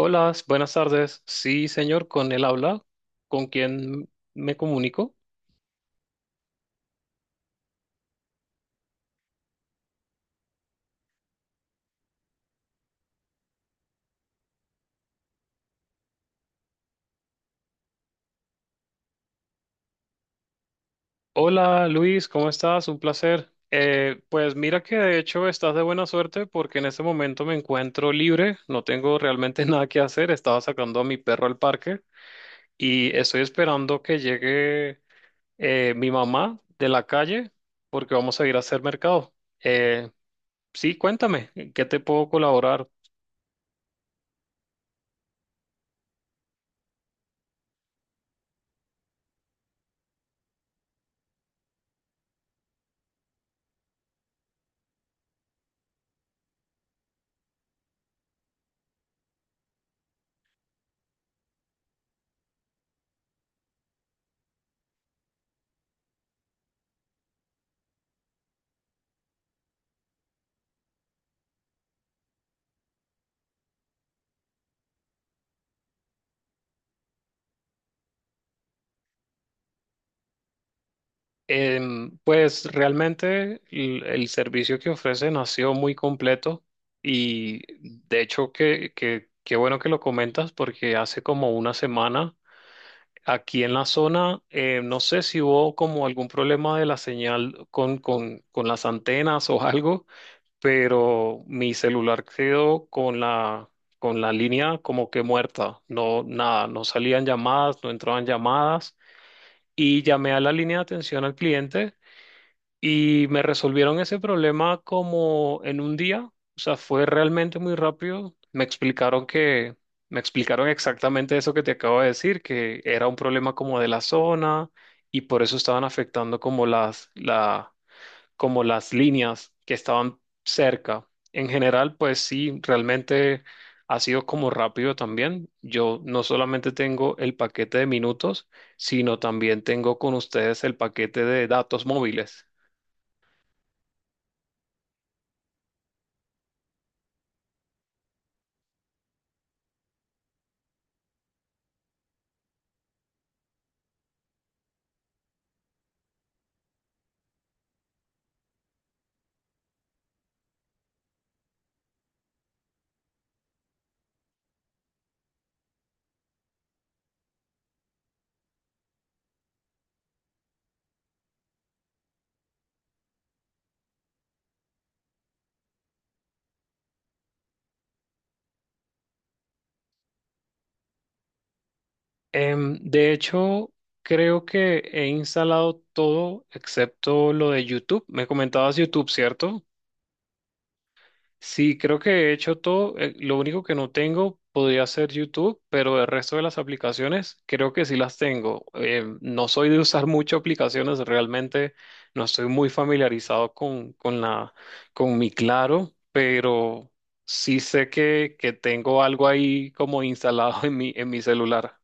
Hola, buenas tardes. Sí, señor, con él habla. ¿Con quién me comunico? Hola, Luis, ¿cómo estás? Un placer. Pues mira que de hecho estás de buena suerte porque en este momento me encuentro libre, no tengo realmente nada que hacer. Estaba sacando a mi perro al parque y estoy esperando que llegue mi mamá de la calle porque vamos a ir a hacer mercado. Eh, sí, cuéntame, ¿en ¿qué te puedo colaborar? Pues realmente el servicio que ofrecen ha sido muy completo y de hecho qué bueno que lo comentas porque hace como una semana aquí en la zona no sé si hubo como algún problema de la señal con las antenas o algo, pero mi celular quedó con la línea como que muerta, no nada, no salían llamadas, no entraban llamadas y llamé a la línea de atención al cliente y me resolvieron ese problema como en un día, o sea, fue realmente muy rápido. Me explicaron exactamente eso que te acabo de decir, que era un problema como de la zona y por eso estaban afectando como como las líneas que estaban cerca. En general, pues sí, realmente ha sido como rápido también. Yo no solamente tengo el paquete de minutos, sino también tengo con ustedes el paquete de datos móviles. De hecho, creo que he instalado todo excepto lo de YouTube. Me comentabas YouTube, ¿cierto? Sí, creo que he hecho todo. Lo único que no tengo podría ser YouTube, pero el resto de las aplicaciones creo que sí las tengo. No soy de usar mucho aplicaciones, realmente no estoy muy familiarizado con mi Claro, pero sí sé que tengo algo ahí como instalado en en mi celular.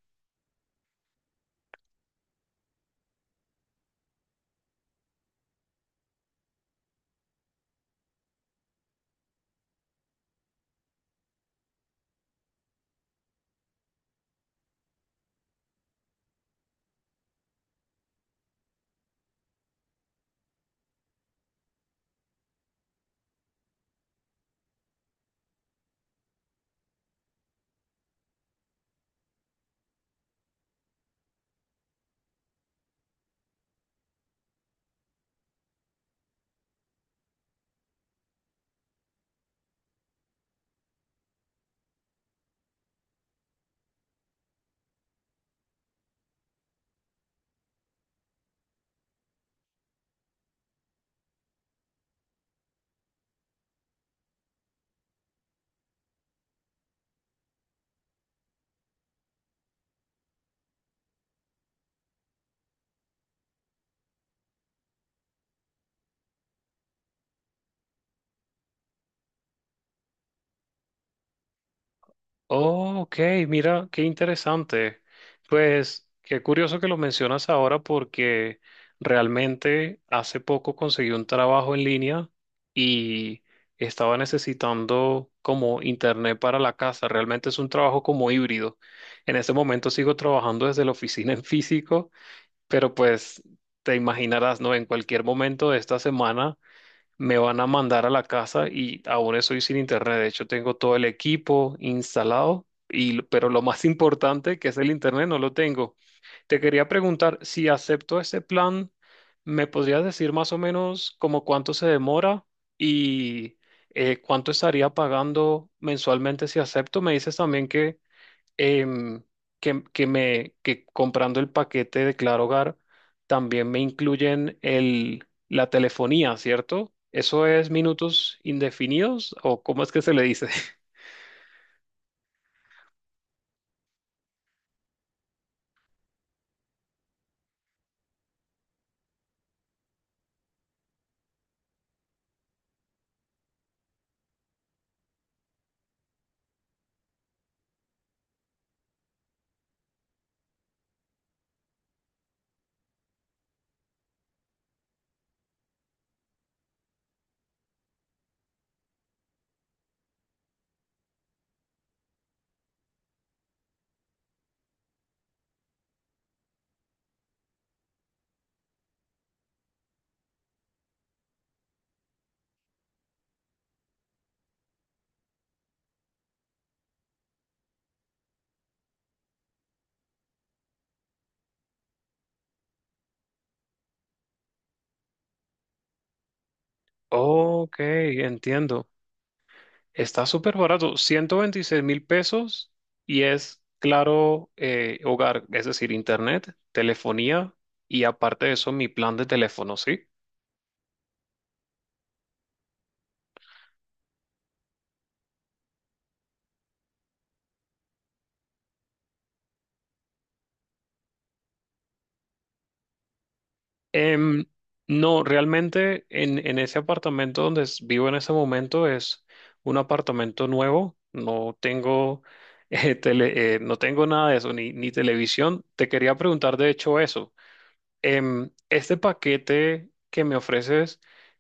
Oh, ok, mira, qué interesante. Pues qué curioso que lo mencionas ahora porque realmente hace poco conseguí un trabajo en línea y estaba necesitando como internet para la casa. Realmente es un trabajo como híbrido. En este momento sigo trabajando desde la oficina en físico, pero pues te imaginarás, ¿no? En cualquier momento de esta semana me van a mandar a la casa y aún estoy sin internet. De hecho, tengo todo el equipo instalado, y, pero lo más importante, que es el internet, no lo tengo. Te quería preguntar, si acepto ese plan, ¿me podrías decir más o menos como cuánto se demora y cuánto estaría pagando mensualmente si acepto? Me dices también que em, que comprando el paquete de Claro Hogar también me incluyen la telefonía, ¿cierto? ¿Eso es minutos indefinidos o cómo es que se le dice? Ok, entiendo. Está súper barato, 126.000 pesos y es Claro Hogar, es decir, internet, telefonía y aparte de eso mi plan de teléfono, ¿sí? Em, no, realmente en ese apartamento donde s- vivo en ese momento es un apartamento nuevo. No tengo, no tengo nada de eso, ni televisión. Te quería preguntar de hecho eso. Este paquete que me ofreces,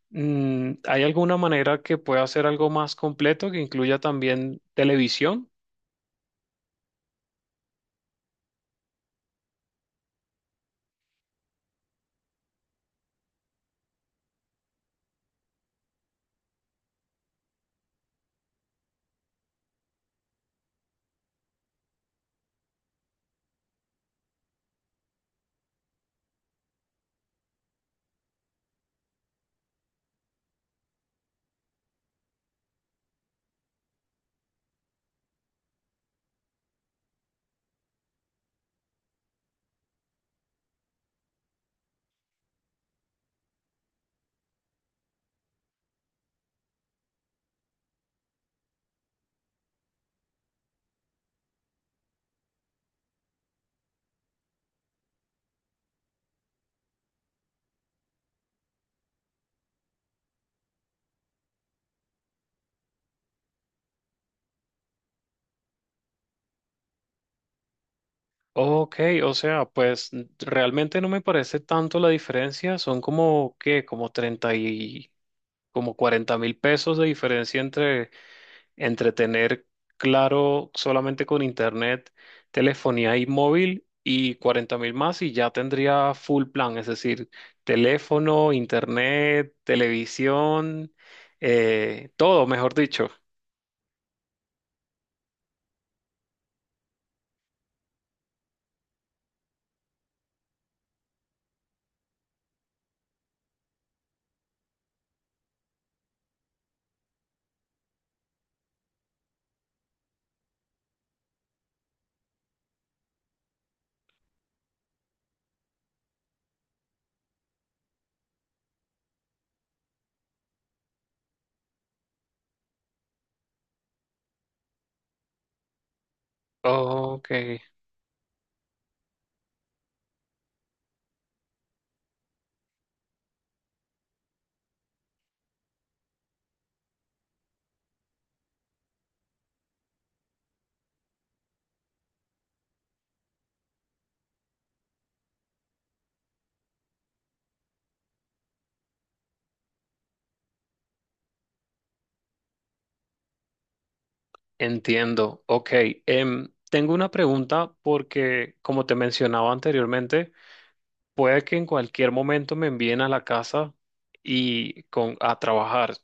mm, ¿hay alguna manera que pueda hacer algo más completo que incluya también televisión? Ok, o sea, pues n- realmente no me parece tanto la diferencia, son como que como 30 como 40.000 pesos de diferencia entre tener Claro solamente con internet, telefonía y móvil y 40.000 más y ya tendría full plan, es decir, teléfono, internet, televisión, todo, mejor dicho. Ok, entiendo. Ok, tengo una pregunta porque, como te mencionaba anteriormente, puede que en cualquier momento me envíen a la casa y con, a trabajar.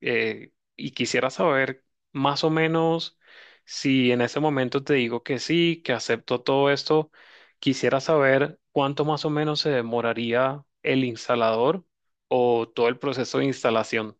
Y quisiera saber más o menos si en ese momento te digo que sí, que acepto todo esto, quisiera saber cuánto más o menos se demoraría el instalador o todo el proceso de instalación.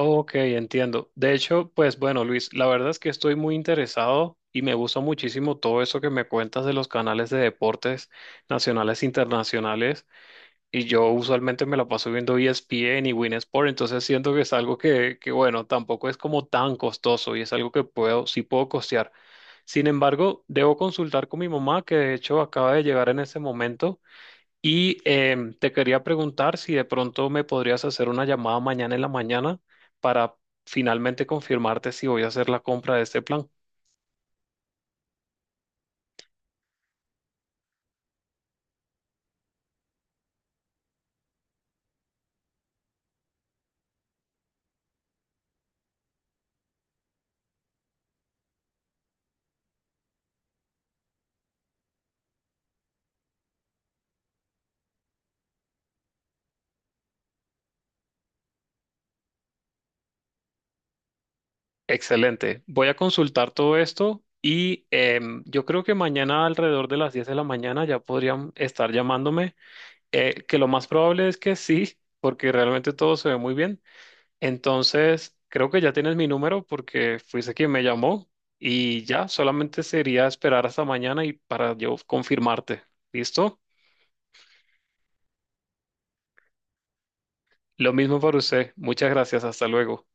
Ok, entiendo. De hecho, pues bueno, Luis, la verdad es que estoy muy interesado y me gusta muchísimo todo eso que me cuentas de los canales de deportes nacionales e internacionales. Y yo usualmente me la paso viendo ESPN y Win Sport, entonces siento que es algo que, bueno, tampoco es como tan costoso y es algo que puedo, sí puedo costear. Sin embargo, debo consultar con mi mamá, que de hecho acaba de llegar en ese momento, y te quería preguntar si de pronto me podrías hacer una llamada mañana en la mañana para finalmente confirmarte si voy a hacer la compra de este plan. Excelente. Voy a consultar todo esto y yo creo que mañana alrededor de las 10 de la mañana ya podrían estar llamándome, que lo más probable es que sí, porque realmente todo se ve muy bien. Entonces, creo que ya tienes mi número porque fuiste quien me llamó y ya solamente sería esperar hasta mañana y para yo confirmarte. ¿Listo? Lo mismo para usted. Muchas gracias. Hasta luego.